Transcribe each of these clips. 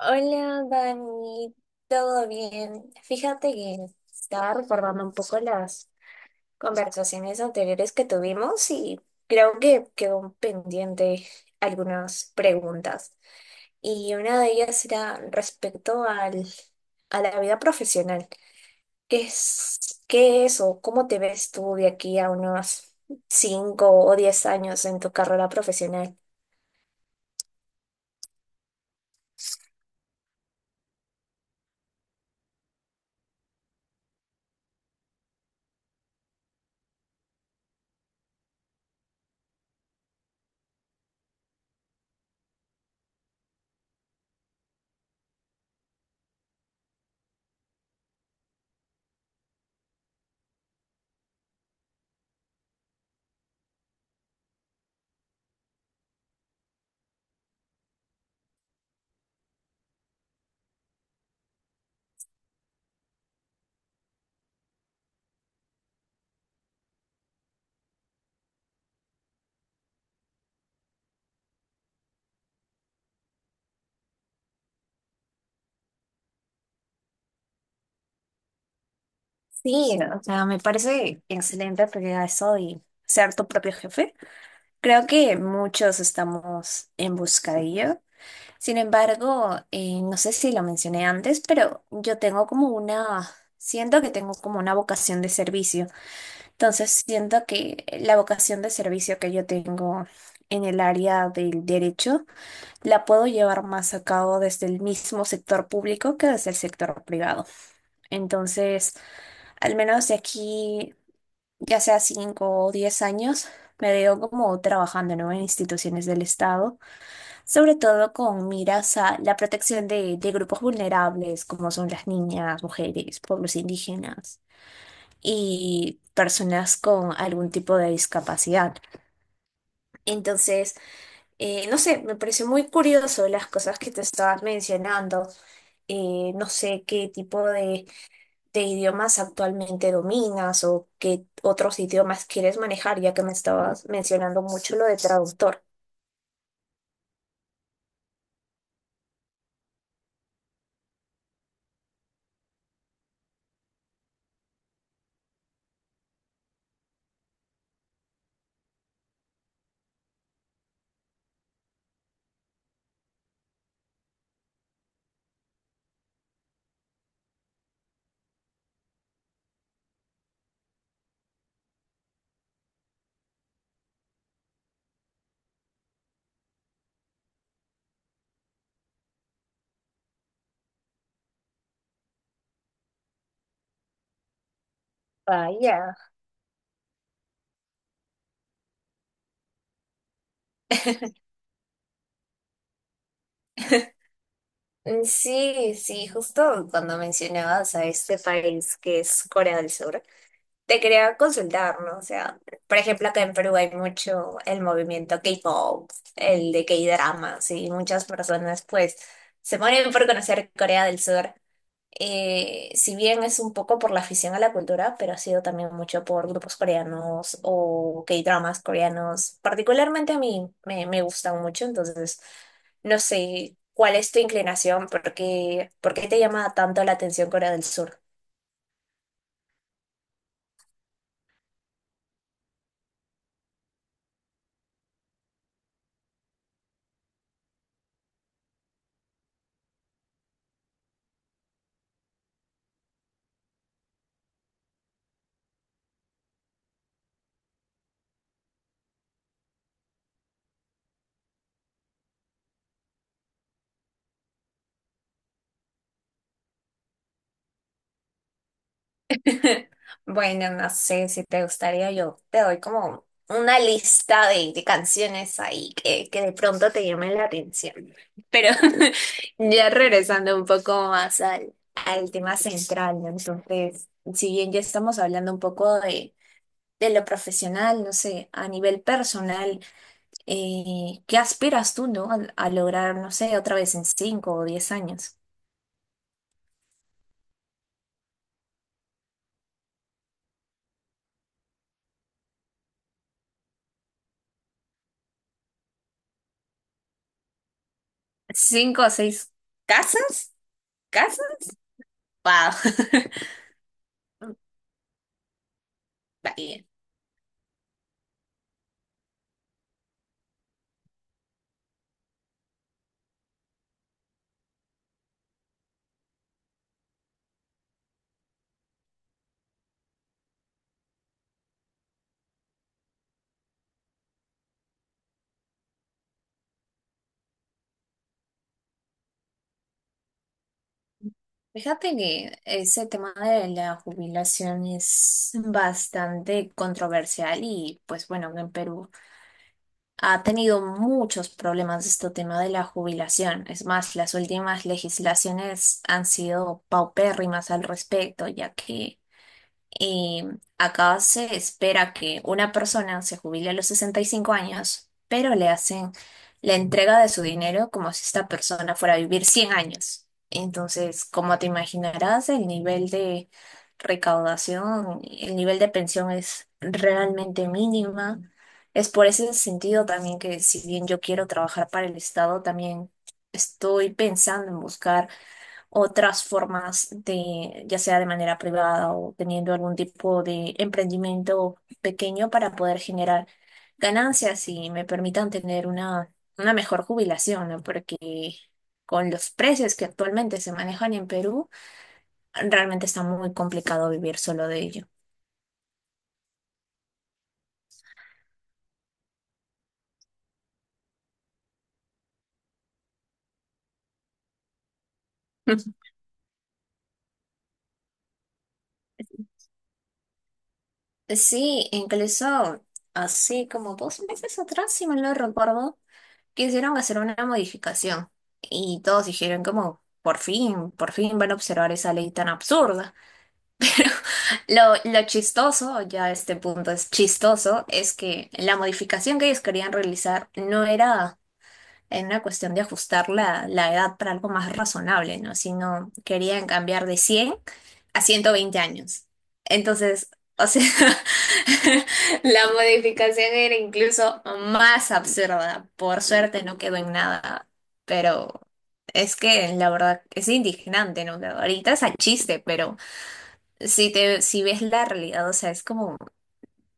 Hola, Dani, ¿todo bien? Fíjate que estaba recordando un poco las conversaciones anteriores que tuvimos y creo que quedó pendiente algunas preguntas. Y una de ellas era respecto al, a la vida profesional. ¿Qué es, qué es o cómo te ves tú de aquí a unos 5 o 10 años en tu carrera profesional? Sí, o sea, me parece excelente porque a eso y ser tu propio jefe. Creo que muchos estamos en busca de ello. Sin embargo, no sé si lo mencioné antes, pero yo tengo como una, siento que tengo como una vocación de servicio. Entonces, siento que la vocación de servicio que yo tengo en el área del derecho la puedo llevar más a cabo desde el mismo sector público que desde el sector privado. Entonces, al menos de aquí ya sea 5 o 10 años, me veo como trabajando, ¿no?, en instituciones del Estado, sobre todo con miras a la protección de grupos vulnerables, como son las niñas, mujeres, pueblos indígenas y personas con algún tipo de discapacidad. Entonces, no sé, me pareció muy curioso las cosas que te estabas mencionando, no sé qué tipo de idiomas actualmente dominas o qué otros idiomas quieres manejar, ya que me estabas mencionando mucho lo de traductor. Vaya. Mm, sí, sí, justo cuando mencionabas a este país que es Corea del Sur, te quería consultar, ¿no? O sea, por ejemplo, acá en Perú hay mucho el movimiento K-pop, el de K-dramas, y muchas personas pues se mueren por conocer Corea del Sur. Eh, si bien es un poco por la afición a la cultura, pero ha sido también mucho por grupos coreanos o K-dramas coreanos. Particularmente a mí me gustan mucho, entonces no sé cuál es tu inclinación, por qué te llama tanto la atención Corea del Sur. Bueno, no sé si te gustaría, yo te doy como una lista de canciones ahí que de pronto te llamen la atención. Pero ya regresando un poco más al tema central, ¿no? Entonces, si bien ya estamos hablando un poco de lo profesional, no sé, a nivel personal, ¿qué aspiras tú? ¿No? A lograr, no sé, ¿otra vez en 5 o 10 años? ¿Cinco o seis casas? ¿Casas? ¡Wow! Bien. Fíjate que ese tema de la jubilación es bastante controversial y pues bueno, en Perú ha tenido muchos problemas este tema de la jubilación. Es más, las últimas legislaciones han sido paupérrimas al respecto, ya que Eh, acá se espera que una persona se jubile a los 65 años, pero le hacen la entrega de su dinero como si esta persona fuera a vivir 100 años. Entonces, como te imaginarás, el nivel de recaudación, el nivel de pensión es realmente mínima. Es por ese sentido también que, si bien yo quiero trabajar para el Estado, también estoy pensando en buscar otras formas de, ya sea de manera privada o teniendo algún tipo de emprendimiento pequeño para poder generar ganancias y me permitan tener una mejor jubilación, ¿no? Porque con los precios que actualmente se manejan en Perú, realmente está muy complicado vivir solo de ello. Sí, incluso así como 2 meses atrás, si mal no recuerdo, quisieron hacer una modificación y todos dijeron como, por fin van a observar esa ley tan absurda. Lo chistoso, ya a este punto es chistoso, es que la modificación que ellos querían realizar no era en una cuestión de ajustar la edad para algo más razonable, ¿no? Sino querían cambiar de 100 a 120 años. Entonces, o sea, la modificación era incluso más absurda. Por suerte no quedó en nada, pero es que la verdad es indignante, ¿no? Ahorita es a chiste, pero si ves la realidad, o sea,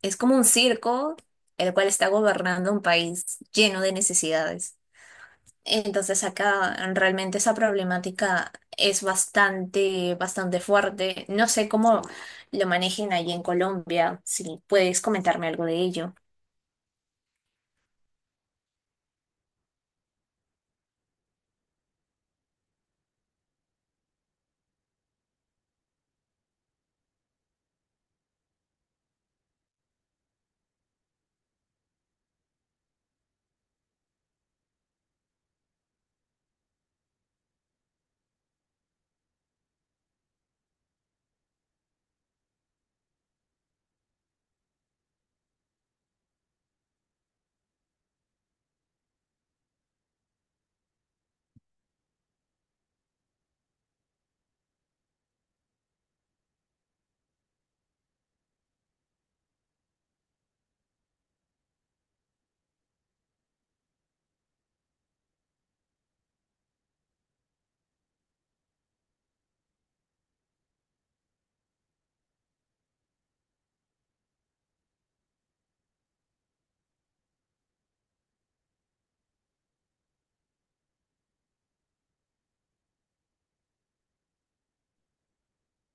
es como un circo el cual está gobernando un país lleno de necesidades. Entonces acá realmente esa problemática es bastante, bastante fuerte. No sé cómo lo manejen allí en Colombia, si puedes comentarme algo de ello.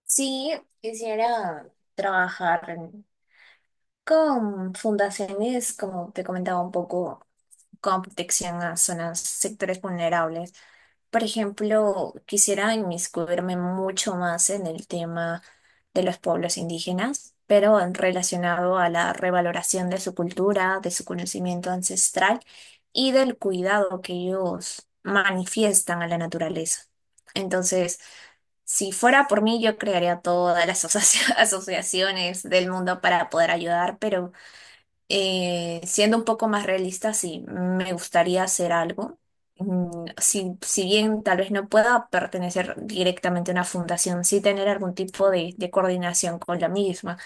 Sí, quisiera trabajar con fundaciones, como te comentaba un poco, con protección a zonas, sectores vulnerables. Por ejemplo, quisiera inmiscuirme mucho más en el tema de los pueblos indígenas, pero en relacionado a la revaloración de su cultura, de su conocimiento ancestral y del cuidado que ellos manifiestan a la naturaleza. Entonces, si fuera por mí, yo crearía todas las asociaciones del mundo para poder ayudar, pero siendo un poco más realista, sí, me gustaría hacer algo. Mm, Si, si bien tal vez no pueda pertenecer directamente a una fundación, sí tener algún tipo de coordinación con la misma.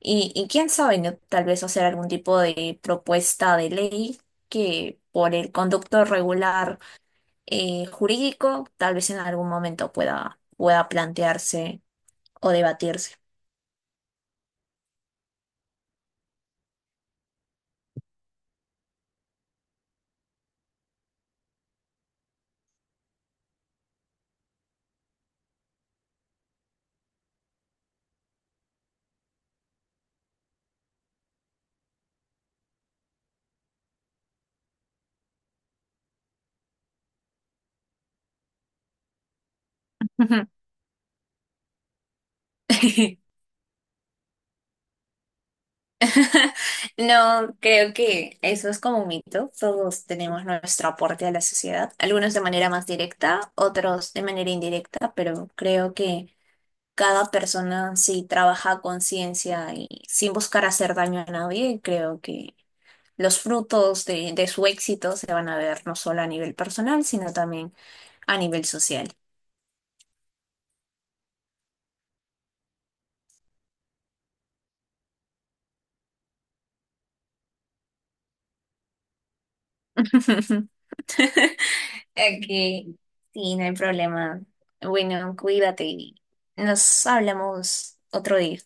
Y quién sabe, ¿no? Tal vez hacer algún tipo de propuesta de ley que, por el conducto regular, jurídico, tal vez en algún momento pueda plantearse o debatirse. No, creo que eso es como un mito. Todos tenemos nuestro aporte a la sociedad, algunos de manera más directa, otros de manera indirecta, pero creo que cada persona, si trabaja a conciencia y sin buscar hacer daño a nadie, creo que los frutos de su éxito se van a ver no solo a nivel personal, sino también a nivel social. Aquí, sí, no hay problema. Bueno, cuídate y nos hablamos otro día.